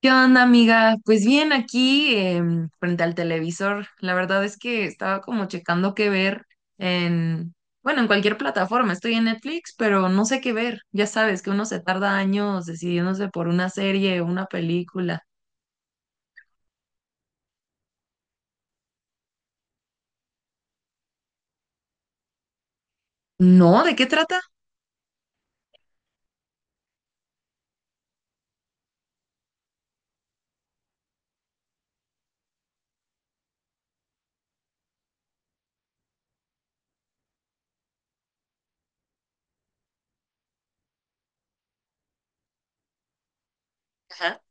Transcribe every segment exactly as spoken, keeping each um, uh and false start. ¿Qué onda, amiga? Pues bien, aquí em, frente al televisor. La verdad es que estaba como checando qué ver en, bueno, en cualquier plataforma. Estoy en Netflix, pero no sé qué ver. Ya sabes que uno se tarda años decidiéndose por una serie o una película. No, ¿de qué trata? Ajá.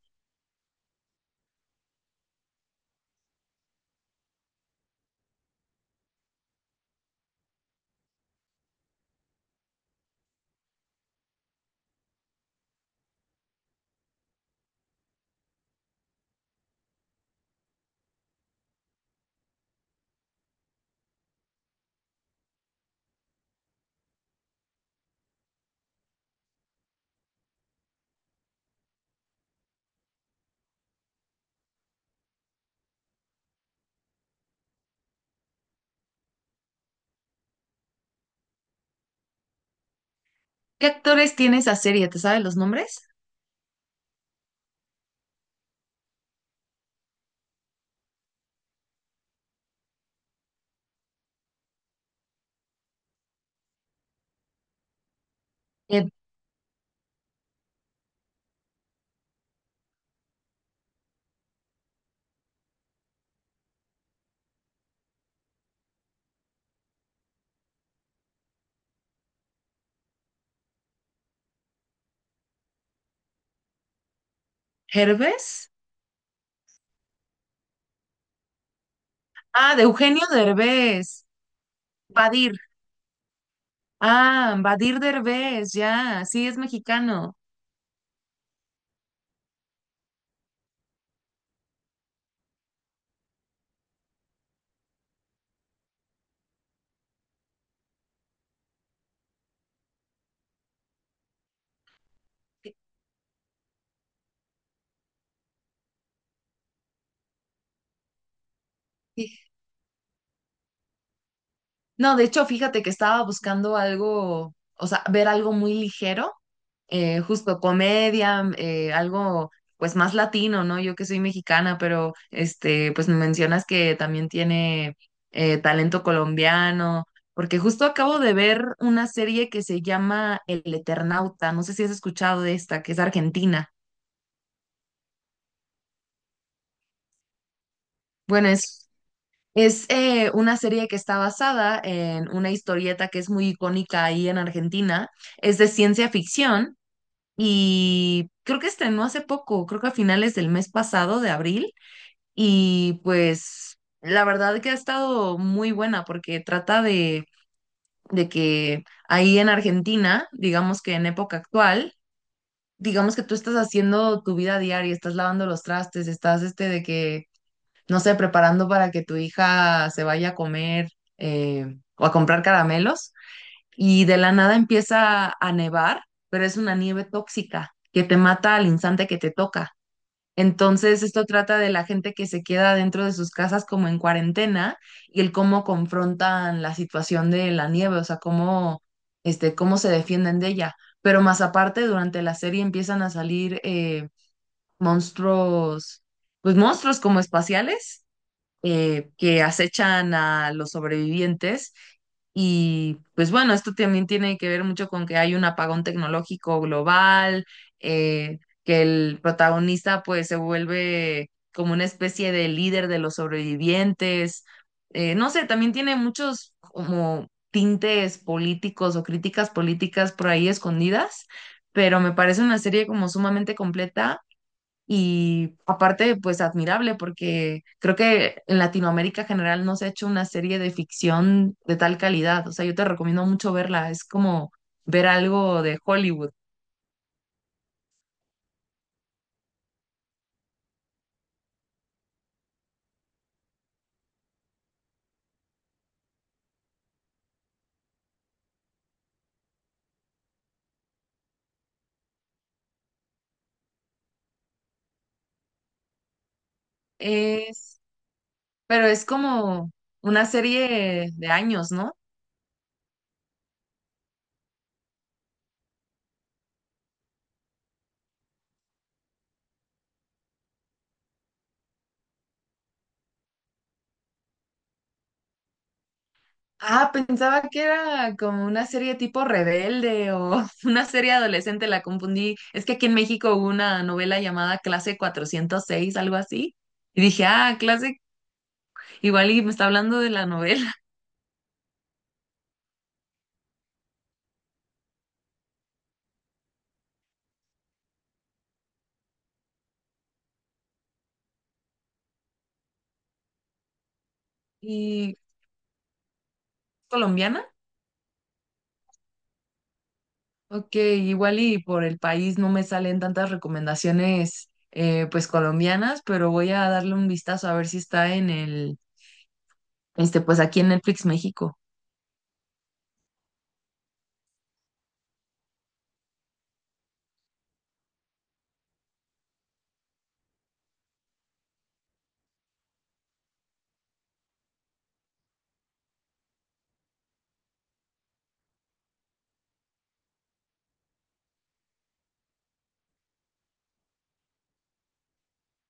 ¿Qué actores tiene esa serie? ¿Te sabes los nombres? ¿Ed Herbes? Ah, de Eugenio Derbez. Badir. Ah, Badir Derbez, ya. Sí, es mexicano. No, de hecho, fíjate que estaba buscando algo, o sea, ver algo muy ligero, eh, justo comedia, mm, eh, algo pues más latino, ¿no? Yo que soy mexicana, pero este, pues me mencionas que también tiene eh, talento colombiano, porque justo acabo de ver una serie que se llama El Eternauta, no sé si has escuchado de esta, que es argentina. Bueno, es Es eh, una serie que está basada en una historieta que es muy icónica ahí en Argentina. Es de ciencia ficción y creo que estrenó hace poco, creo que a finales del mes pasado de abril. Y pues la verdad que ha estado muy buena porque trata de, de que ahí en Argentina, digamos que en época actual, digamos que tú estás haciendo tu vida diaria, estás lavando los trastes, estás este de que no sé, preparando para que tu hija se vaya a comer, eh, o a comprar caramelos y de la nada empieza a nevar, pero es una nieve tóxica que te mata al instante que te toca. Entonces, esto trata de la gente que se queda dentro de sus casas como en cuarentena y el cómo confrontan la situación de la nieve, o sea, cómo, este, cómo se defienden de ella. Pero más aparte, durante la serie empiezan a salir eh, monstruos, pues monstruos como espaciales eh, que acechan a los sobrevivientes. Y pues bueno, esto también tiene que ver mucho con que hay un apagón tecnológico global, eh, que el protagonista pues se vuelve como una especie de líder de los sobrevivientes. Eh, no sé, también tiene muchos como tintes políticos o críticas políticas por ahí escondidas, pero me parece una serie como sumamente completa y aparte, pues admirable, porque creo que en Latinoamérica en general no se ha hecho una serie de ficción de tal calidad. O sea, yo te recomiendo mucho verla. Es como ver algo de Hollywood. Es, pero es como una serie de años, ¿no? Ah, pensaba que era como una serie tipo rebelde o una serie adolescente, la confundí. Es que aquí en México hubo una novela llamada Clase cuatrocientos seis algo así. Y dije, ah, clase, igual y me está hablando de la novela. ¿Y colombiana? Ok, igual y por el país no me salen tantas recomendaciones, eh, pues colombianas, pero voy a darle un vistazo a ver si está en el, este, pues aquí en Netflix México.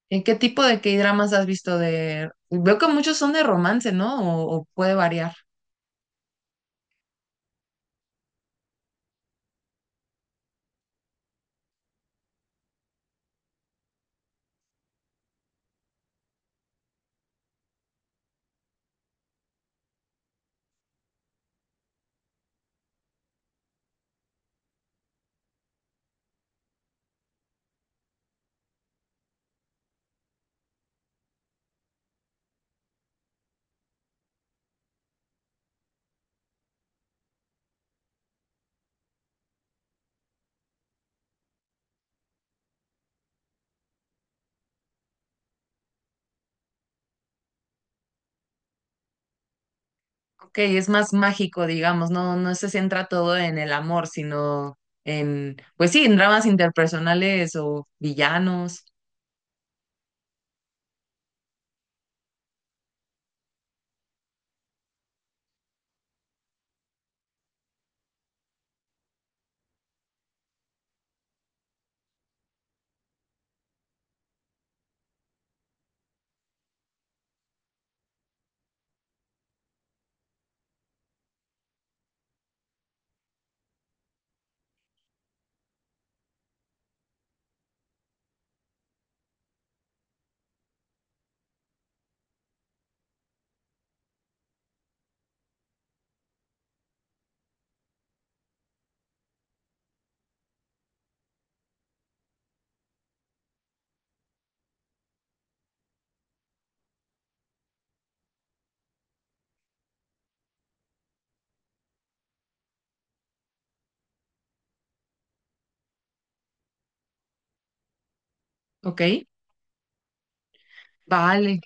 ¿En qué tipo de K-dramas has visto de... Veo que muchos son de romance, ¿no? O, o puede variar. Ok, es más mágico, digamos, no, no se centra todo en el amor, sino en, pues sí, en dramas interpersonales o villanos. Ok, vale.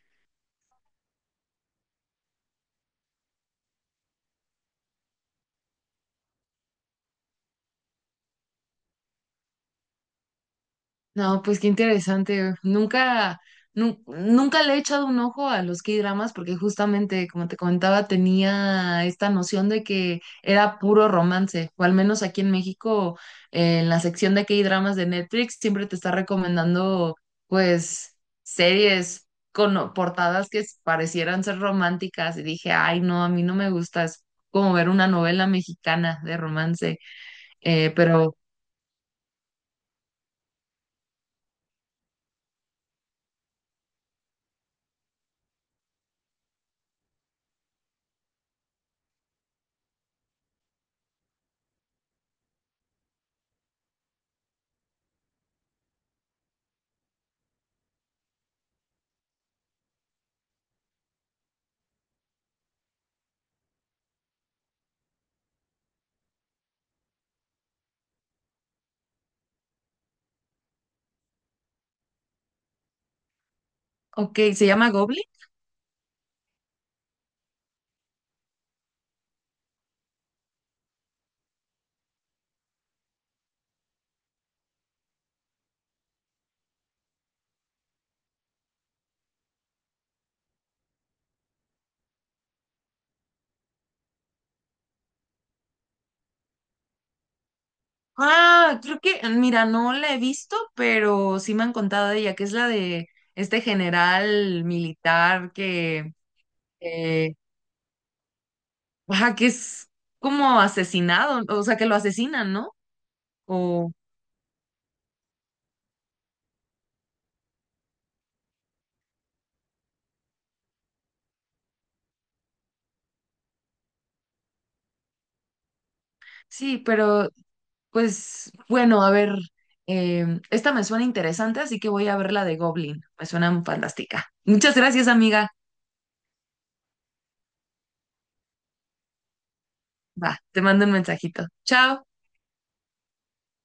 No, pues qué interesante. Nunca, nu- nunca le he echado un ojo a los K-dramas porque justamente, como te comentaba, tenía esta noción de que era puro romance, o al menos aquí en México, eh, en la sección de K-dramas de Netflix, siempre te está recomendando, pues, series con o- portadas que s- parecieran ser románticas y dije, ay, no, a mí no me gusta, es como ver una novela mexicana de romance. Eh, pero, ok, ¿se llama Goblin? Ah, creo que, mira, no la he visto, pero sí me han contado de ella, que es la de este general militar que, eh, ajá, que es como asesinado, o sea, que lo asesinan, ¿no? O sí, pero pues bueno, a ver, em, esta me suena interesante, así que voy a ver la de Goblin, me suena fantástica. Muchas gracias, amiga. Va, te mando un mensajito. Chao.